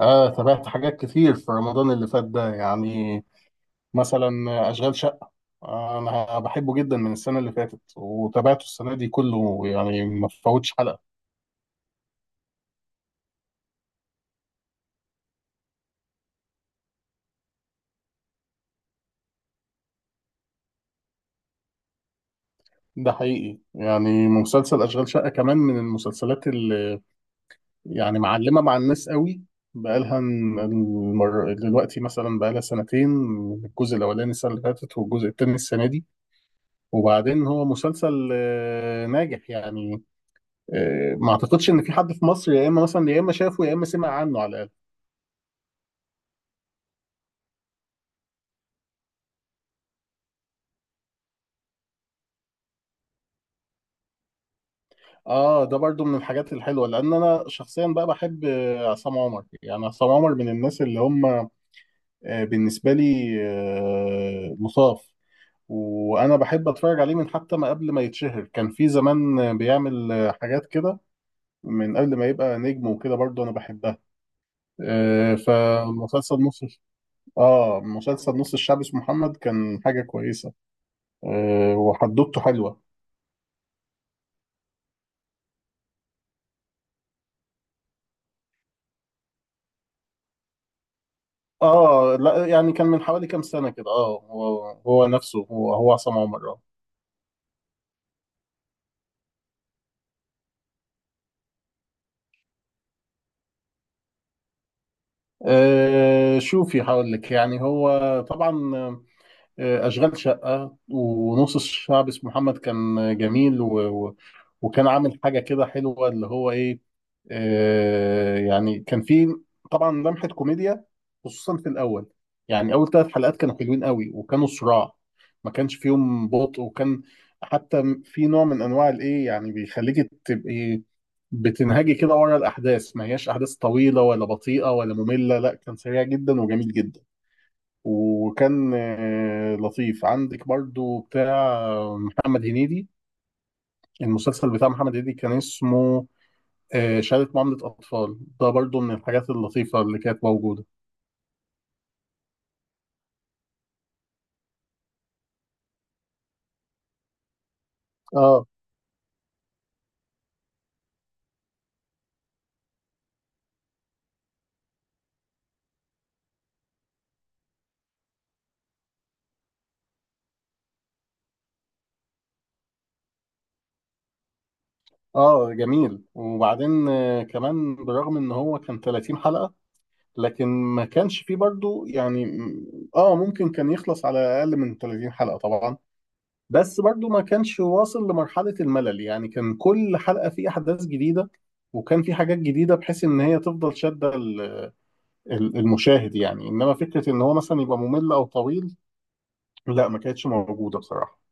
آه، تابعت حاجات كتير في رمضان اللي فات ده. يعني مثلا، أشغال شقة. آه، أنا بحبه جدا من السنة اللي فاتت وتابعته السنة دي كله، يعني ما فوتش حلقة. ده حقيقي، يعني مسلسل أشغال شقة كمان من المسلسلات اللي يعني معلمة مع الناس قوي. بقالها دلوقتي مثلا بقالها سنتين. الجزء الأولاني السنة اللي فاتت والجزء التاني السنة دي. وبعدين هو مسلسل ناجح يعني. ما اعتقدش ان في حد في مصر، يا اما مثلا يا اما شافه، يا اما سمع عنه على الاقل. اه، ده برضو من الحاجات الحلوه، لان انا شخصيا بقى بحب عصام عمر. يعني عصام عمر من الناس اللي هم بالنسبه لي مصاف. وانا بحب اتفرج عليه من حتى ما قبل ما يتشهر. كان في زمان بيعمل حاجات كده. من قبل ما يبقى نجم وكده، برضو انا بحبها. آه، فمسلسل نص اه مسلسل نص الشعب اسمه محمد كان حاجه كويسه. وحدوته حلوه. اه لا، يعني كان من حوالي كام سنة كده. اه هو نفسه، هو عصام عمر اه شوفي هقول لك. يعني هو طبعا أشغال شقة ونص الشعب اسمه محمد كان جميل وكان عامل حاجة كده حلوة، اللي هو إيه. يعني كان في طبعا لمحة كوميديا، خصوصا في الأول. يعني أول ثلاث حلقات كانوا حلوين قوي، وكانوا صراع. ما كانش فيهم بطء. وكان حتى في نوع من أنواع الإيه، يعني بيخليك تبقي بتنهجي كده ورا الأحداث. ما هياش أحداث طويلة ولا بطيئة ولا مملة. لا، كان سريع جدا وجميل جدا. وكان لطيف. عندك برضو بتاع محمد هنيدي. المسلسل بتاع محمد هنيدي كان اسمه شهادة معاملة أطفال. ده برضو من الحاجات اللطيفة اللي كانت موجودة. اه، اه، جميل. وبعدين كمان، بالرغم ان هو كان 30 حلقة، لكن ما كانش فيه برضو، يعني ممكن كان يخلص على اقل من 30 حلقة طبعا. بس برضو ما كانش واصل لمرحلة الملل. يعني كان كل حلقة في أحداث جديدة، وكان في حاجات جديدة بحيث إن هي تفضل شادة المشاهد. يعني إنما فكرة إن هو مثلا يبقى ممل أو طويل، لا، ما كانتش موجودة بصراحة.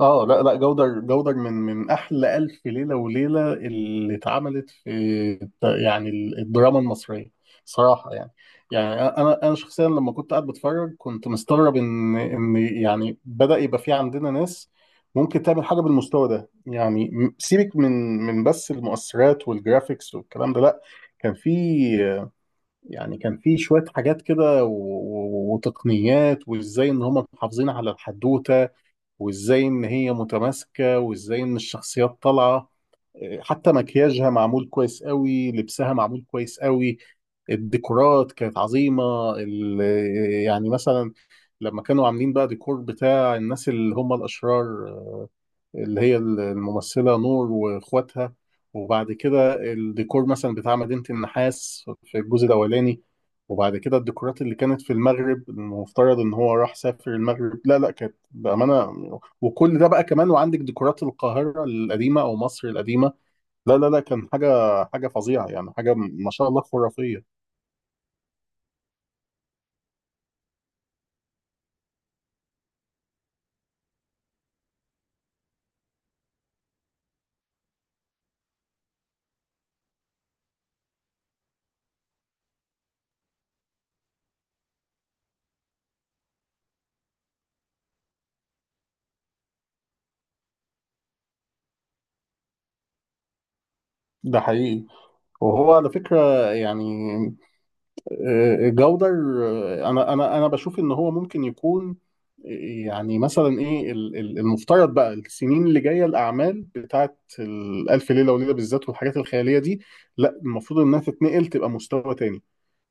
اه لا، لا، جودر، جودر من احلى الف ليله وليله اللي اتعملت في يعني الدراما المصريه صراحه، يعني. يعني انا شخصيا لما كنت قاعد بتفرج، كنت مستغرب ان يعني بدا يبقى في عندنا ناس ممكن تعمل حاجه بالمستوى ده. يعني سيبك من بس المؤثرات والجرافيكس والكلام ده. لا، كان في يعني كان في شويه حاجات كده وتقنيات، وازاي ان هم محافظين على الحدوته، وازاي ان هي متماسكه، وازاي ان الشخصيات طالعه. حتى مكياجها معمول كويس قوي، لبسها معمول كويس قوي. الديكورات كانت عظيمه. يعني مثلا، لما كانوا عاملين بقى ديكور بتاع الناس اللي هم الاشرار، اللي هي الممثلة نور واخواتها. وبعد كده الديكور مثلا بتاع مدينة النحاس في الجزء الأولاني. وبعد كده الديكورات اللي كانت في المغرب، المفترض إن هو راح سافر المغرب. لا، لا، كانت بأمانة. وكل ده بقى كمان، وعندك ديكورات القاهرة القديمة أو مصر القديمة. لا، لا، لا، كان حاجة فظيعة. يعني حاجة ما شاء الله خرافية. ده حقيقي. وهو على فكرة يعني، جودر، انا بشوف ان هو ممكن يكون، آه، يعني مثلا ايه المفترض بقى السنين اللي جايه، الاعمال بتاعت الف ليله وليله بالذات والحاجات الخياليه دي. لا، المفروض انها تتنقل تبقى مستوى تاني،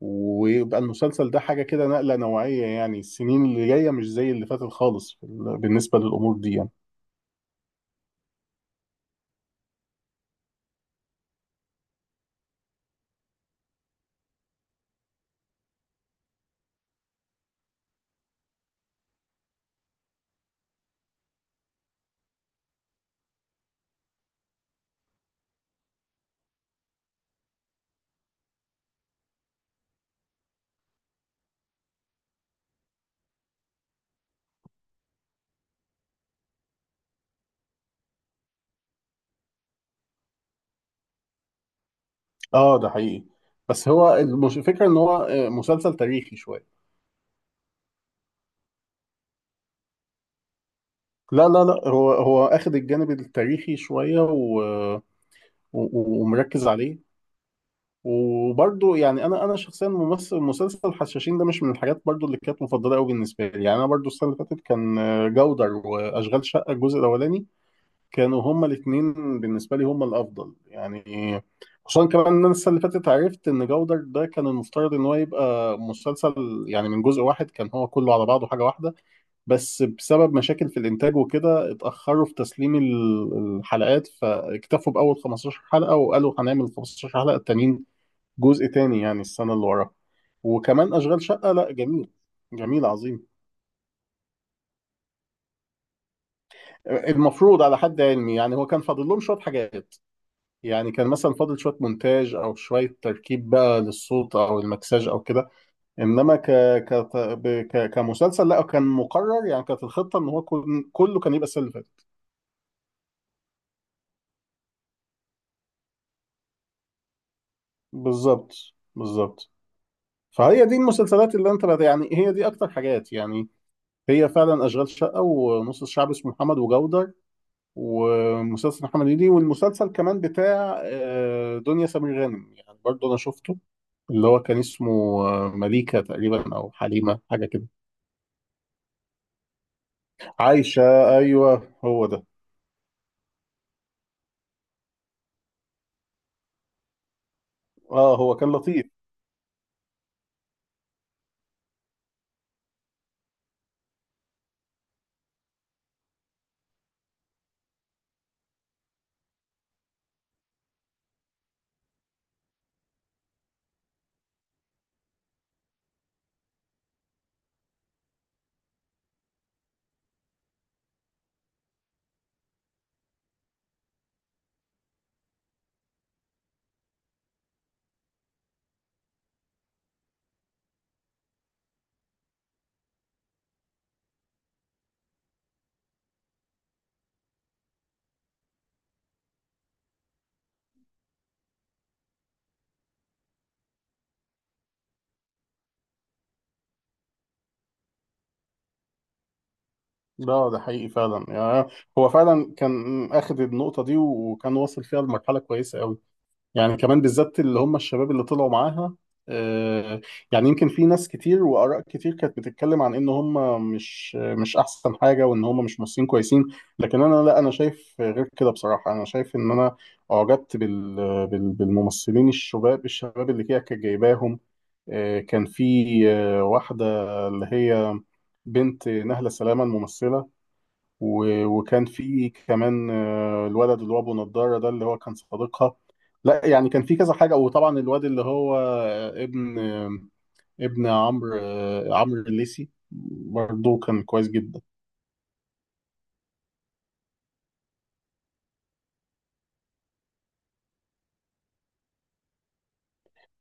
ويبقى المسلسل ده حاجه كده نقله نوعيه. يعني السنين اللي جايه مش زي اللي فاتت خالص بالنسبه للامور دي، يعني. اه، ده حقيقي. بس هو الفكره ان هو مسلسل تاريخي شويه. لا، لا، لا، هو اخد الجانب التاريخي شويه، ومركز عليه. وبرضه يعني انا شخصيا، ممثل مسلسل حشاشين ده مش من الحاجات برضه اللي كانت مفضله قوي بالنسبه لي. يعني انا برضه السنه اللي فاتت كان جودر واشغال شقه الجزء الاولاني. كانوا هما الاثنين بالنسبه لي هما الافضل، يعني. خصوصا كمان ان انا السنه اللي فاتت عرفت ان جودر ده كان المفترض ان هو يبقى مسلسل، يعني من جزء واحد. كان هو كله على بعضه حاجه واحده. بس بسبب مشاكل في الانتاج وكده، اتاخروا في تسليم الحلقات، فاكتفوا باول 15 حلقه وقالوا هنعمل 15 حلقه التانيين، جزء تاني، يعني السنه اللي وراها. وكمان اشغال شقه، لا جميل. جميل عظيم. المفروض على حد علمي، يعني هو كان فاضل لهم شويه حاجات. يعني كان مثلا فاضل شويه مونتاج او شويه تركيب بقى للصوت او المكساج او كده. انما كمسلسل، لا، كان مقرر، يعني كانت الخطه ان هو كله كان يبقى السنه اللي فاتت. بالظبط. بالظبط. فهي دي المسلسلات اللي انت يعني هي دي اكتر حاجات، يعني. هي فعلا اشغال شقه ونص الشعب اسمه محمد وجودر، ومسلسل محمد هنيدي، والمسلسل كمان بتاع دنيا سمير غانم يعني، برضه انا شفته. اللي هو كان اسمه مليكه تقريبا، او حليمه، حاجه كده. عايشه، ايوه هو ده. اه، هو كان لطيف. ده حقيقي فعلا، يعني. هو فعلا كان اخد النقطه دي وكان واصل فيها لمرحله كويسه قوي. يعني كمان بالذات اللي هم الشباب اللي طلعوا معاها. آه، يعني يمكن في ناس كتير وآراء كتير كانت بتتكلم عن ان هم مش احسن حاجة، وان هم مش ممثلين كويسين. لكن انا، لا، انا شايف غير كده بصراحة. انا شايف ان انا اعجبت بالممثلين الشباب اللي هي كانت جايباهم. كان في واحدة، اللي هي بنت نهلة سلامة الممثلة. وكان في كمان الولد اللي هو ابو نضاره ده، اللي هو كان صديقها. لا، يعني كان في كذا حاجه. وطبعا الواد اللي هو ابن، ابن عمرو، عمرو الليثي، برضه كان كويس جدا.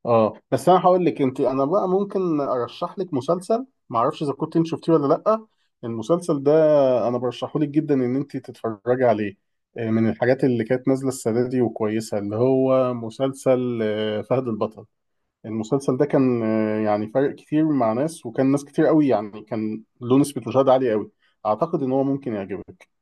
اه، بس انا هقول لك انت، انا بقى ممكن ارشح لك مسلسل، ما اعرفش اذا كنت انت شفتيه ولا لا. المسلسل ده، انا برشحه لك جدا ان انت تتفرجي عليه. من الحاجات اللي كانت نازله السنه دي وكويسه، اللي هو مسلسل فهد البطل. المسلسل ده كان يعني فرق كتير مع ناس، وكان ناس كتير قوي، يعني كان له نسبة مشاهدة عالية قوي. أعتقد إن هو ممكن يعجبك.